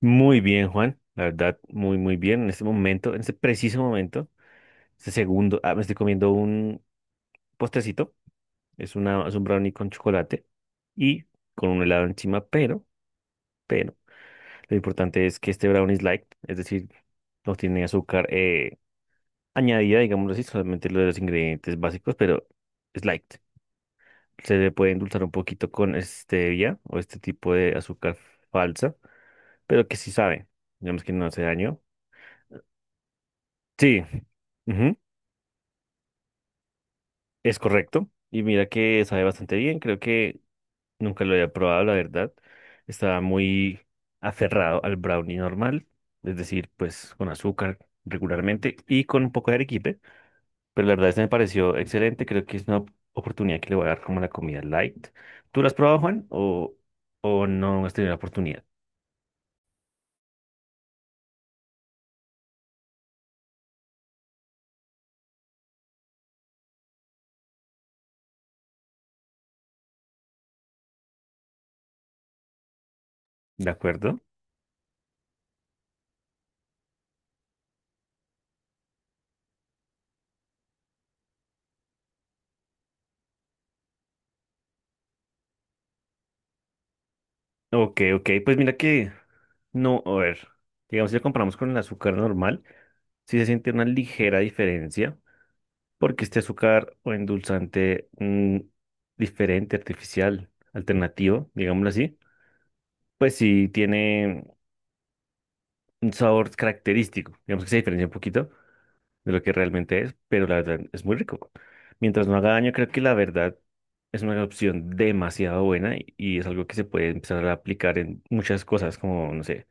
Muy bien, Juan. La verdad, muy bien. En este momento, en este preciso momento, este segundo, me estoy comiendo un postrecito. Es un brownie con chocolate y con un helado encima, pero, lo importante es que este brownie es light, es decir, no tiene azúcar añadida, digámoslo así, solamente lo de los ingredientes básicos, pero es light. Se le puede endulzar un poquito con stevia o este tipo de azúcar falsa, pero que sí sabe. Digamos que no hace daño. Sí. Ujú. Es correcto. Y mira que sabe bastante bien. Creo que nunca lo había probado, la verdad. Estaba muy aferrado al brownie normal, es decir, pues con azúcar regularmente y con un poco de arequipe. Pero la verdad, este me pareció excelente. Creo que es una oportunidad que le voy a dar como la comida light. ¿Tú la has probado, Juan? O no has tenido la oportunidad? ¿De acuerdo? Ok, ok. Pues mira que no, a ver. Digamos, si lo comparamos con el azúcar normal, sí se siente una ligera diferencia porque este azúcar o endulzante diferente, artificial, alternativo, digámoslo así, pues sí tiene un sabor característico, digamos que se diferencia un poquito de lo que realmente es, pero la verdad es muy rico. Mientras no haga daño, creo que la verdad es una opción demasiado buena y es algo que se puede empezar a aplicar en muchas cosas, como, no sé,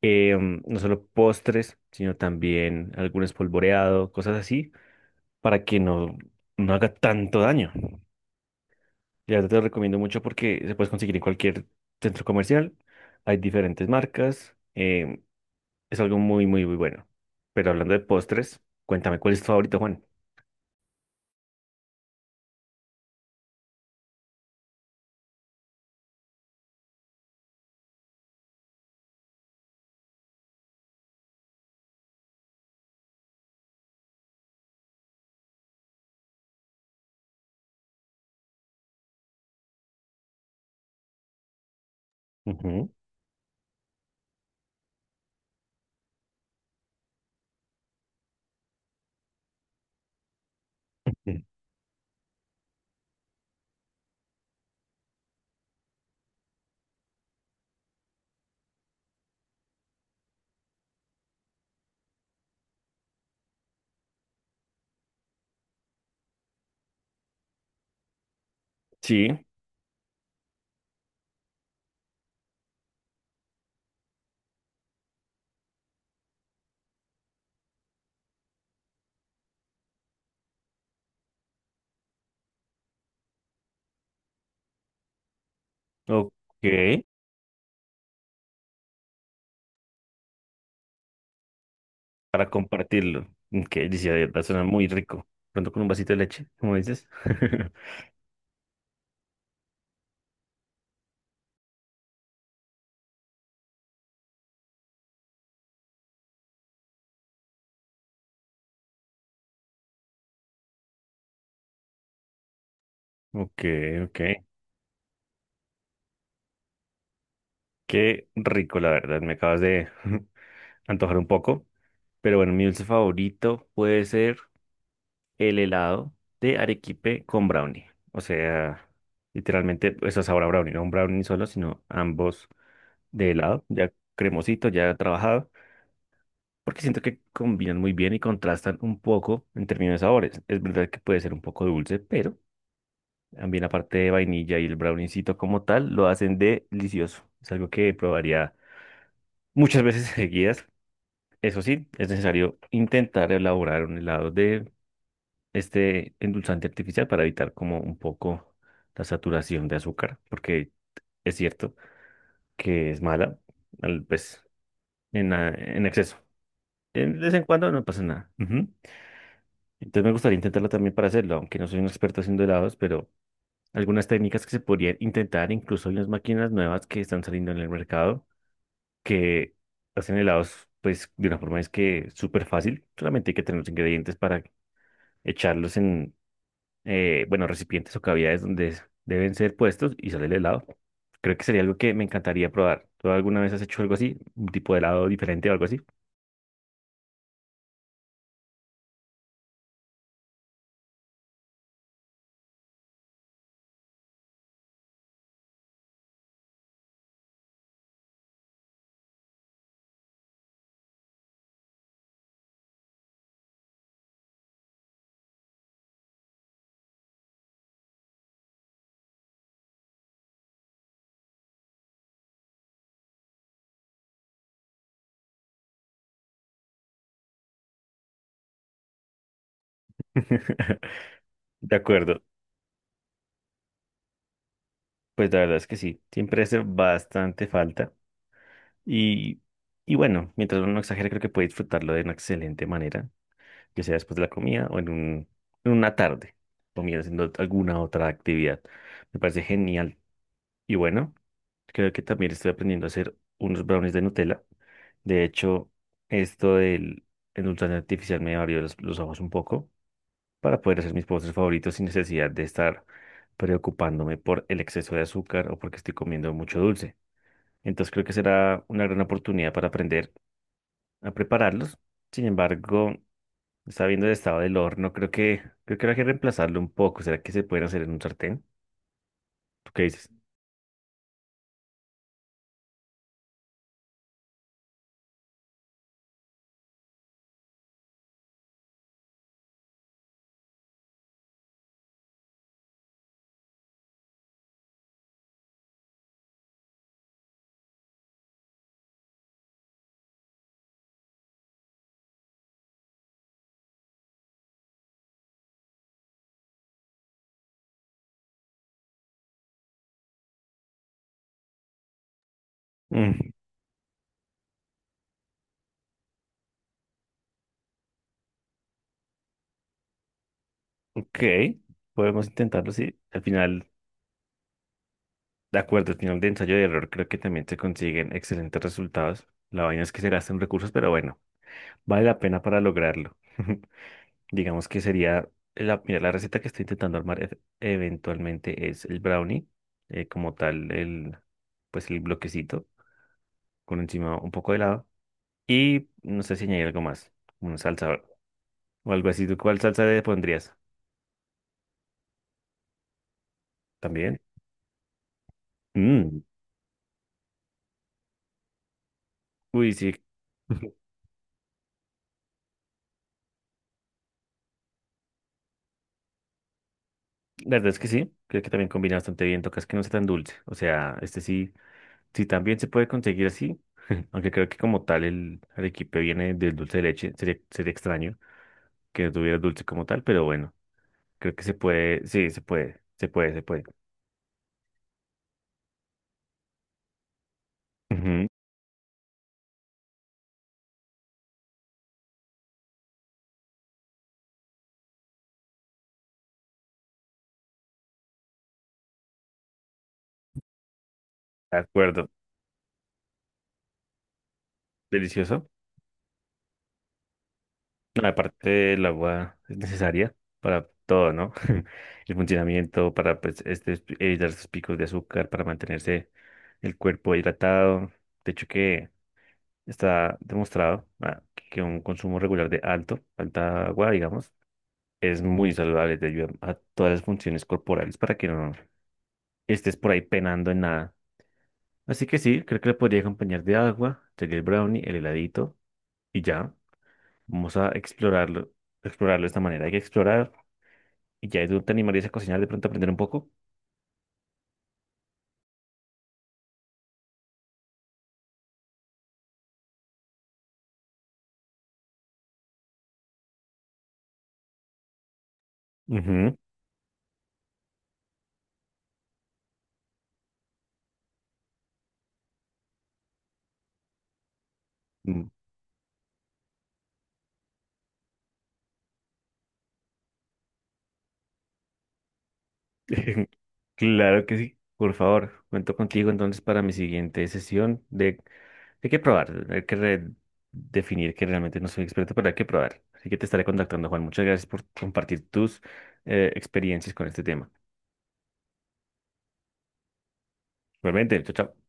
no solo postres, sino también algún espolvoreado, cosas así, para que no, no haga tanto daño. La verdad te lo recomiendo mucho porque se puede conseguir en cualquier centro comercial. Hay diferentes marcas. Es algo muy bueno. Pero hablando de postres, cuéntame cuál es tu favorito, Juan. Ujú. Mm. Sí, ok. Para compartirlo. Que dice, de verdad suena muy rico. Pronto con un vasito de leche, como dices. Ok, ok. Qué rico, la verdad. Me acabas de antojar un poco. Pero bueno, mi dulce favorito puede ser el helado de arequipe con brownie. O sea, literalmente, eso es ahora brownie, no un brownie solo, sino ambos de helado, ya cremosito, ya trabajado, porque siento que combinan muy bien y contrastan un poco en términos de sabores. Es verdad que puede ser un poco dulce, pero también la parte de vainilla y el browniecito como tal lo hacen delicioso. Es algo que probaría muchas veces seguidas. Eso sí, es necesario intentar elaborar un helado de este endulzante artificial para evitar como un poco la saturación de azúcar, porque es cierto que es mala, pues en exceso. De vez en cuando no pasa nada. Ujú. Entonces me gustaría intentarlo también para hacerlo, aunque no soy un experto haciendo helados, pero algunas técnicas que se podrían intentar, incluso hay unas máquinas nuevas que están saliendo en el mercado que hacen helados, pues de una forma es que súper fácil, solamente hay que tener los ingredientes para echarlos bueno, recipientes o cavidades donde deben ser puestos y sale el helado. Creo que sería algo que me encantaría probar. ¿Tú alguna vez has hecho algo así? ¿Un tipo de helado diferente o algo así? De acuerdo. Pues la verdad es que sí. Siempre hace bastante falta. Y, y bueno, mientras uno no exagere, creo que puede disfrutarlo de una excelente manera, ya sea después de la comida o en una tarde, comiendo haciendo alguna otra actividad. Me parece genial. Y bueno. Creo que también estoy aprendiendo a hacer unos brownies de Nutella. De hecho, esto del endulzante artificial me abrió los ojos un poco para poder hacer mis postres favoritos sin necesidad de estar preocupándome por el exceso de azúcar o porque estoy comiendo mucho dulce. Entonces creo que será una gran oportunidad para aprender a prepararlos. Sin embargo, sabiendo el estado del horno, creo que habrá que reemplazarlo un poco. ¿Será que se pueden hacer en un sartén? ¿Tú qué dices? Mm, ok, podemos intentarlo, sí. Al final, de acuerdo, al final de ensayo de error creo que también se consiguen excelentes resultados. La vaina es que se gastan recursos, pero bueno, vale la pena para lograrlo. Digamos que sería, la, mira, la receta que estoy intentando armar eventualmente es el brownie, como tal, el, pues el bloquecito, con encima un poco de helado. Y no sé si añadir algo más, una salsa o algo así. ¿Tú cuál salsa le pondrías? ¿También? Mm, uy, sí. La verdad es que sí, creo que también combina bastante bien, tocas que no sea tan dulce, o sea, este sí. Sí, también se puede conseguir así, aunque creo que como tal el arequipe viene del dulce de leche, sería extraño que no tuviera dulce como tal, pero bueno, creo que se puede, sí, se puede, se puede, se puede. Ujú, de acuerdo, delicioso. No, aparte, el agua es necesaria para todo, ¿no? El funcionamiento para pues, este, evitar sus picos de azúcar, para mantenerse el cuerpo hidratado. De hecho, que está demostrado que un consumo regular de alta agua, digamos, es muy saludable, te ayuda a todas las funciones corporales para que no estés por ahí penando en nada. Así que sí, creo que le podría acompañar de agua, sería el brownie, el heladito y ya. Vamos a explorarlo, explorarlo de esta manera. Hay que explorar y ya tú te animarías a cocinar de pronto aprender un poco. Ujú. Mm. Claro que sí. Por favor, cuento contigo entonces para mi siguiente sesión de. Hay que probar, definir que realmente no soy experto, pero hay que probar. Así que te estaré contactando, Juan. Muchas gracias por compartir tus experiencias con este tema. Igualmente, chao, chao.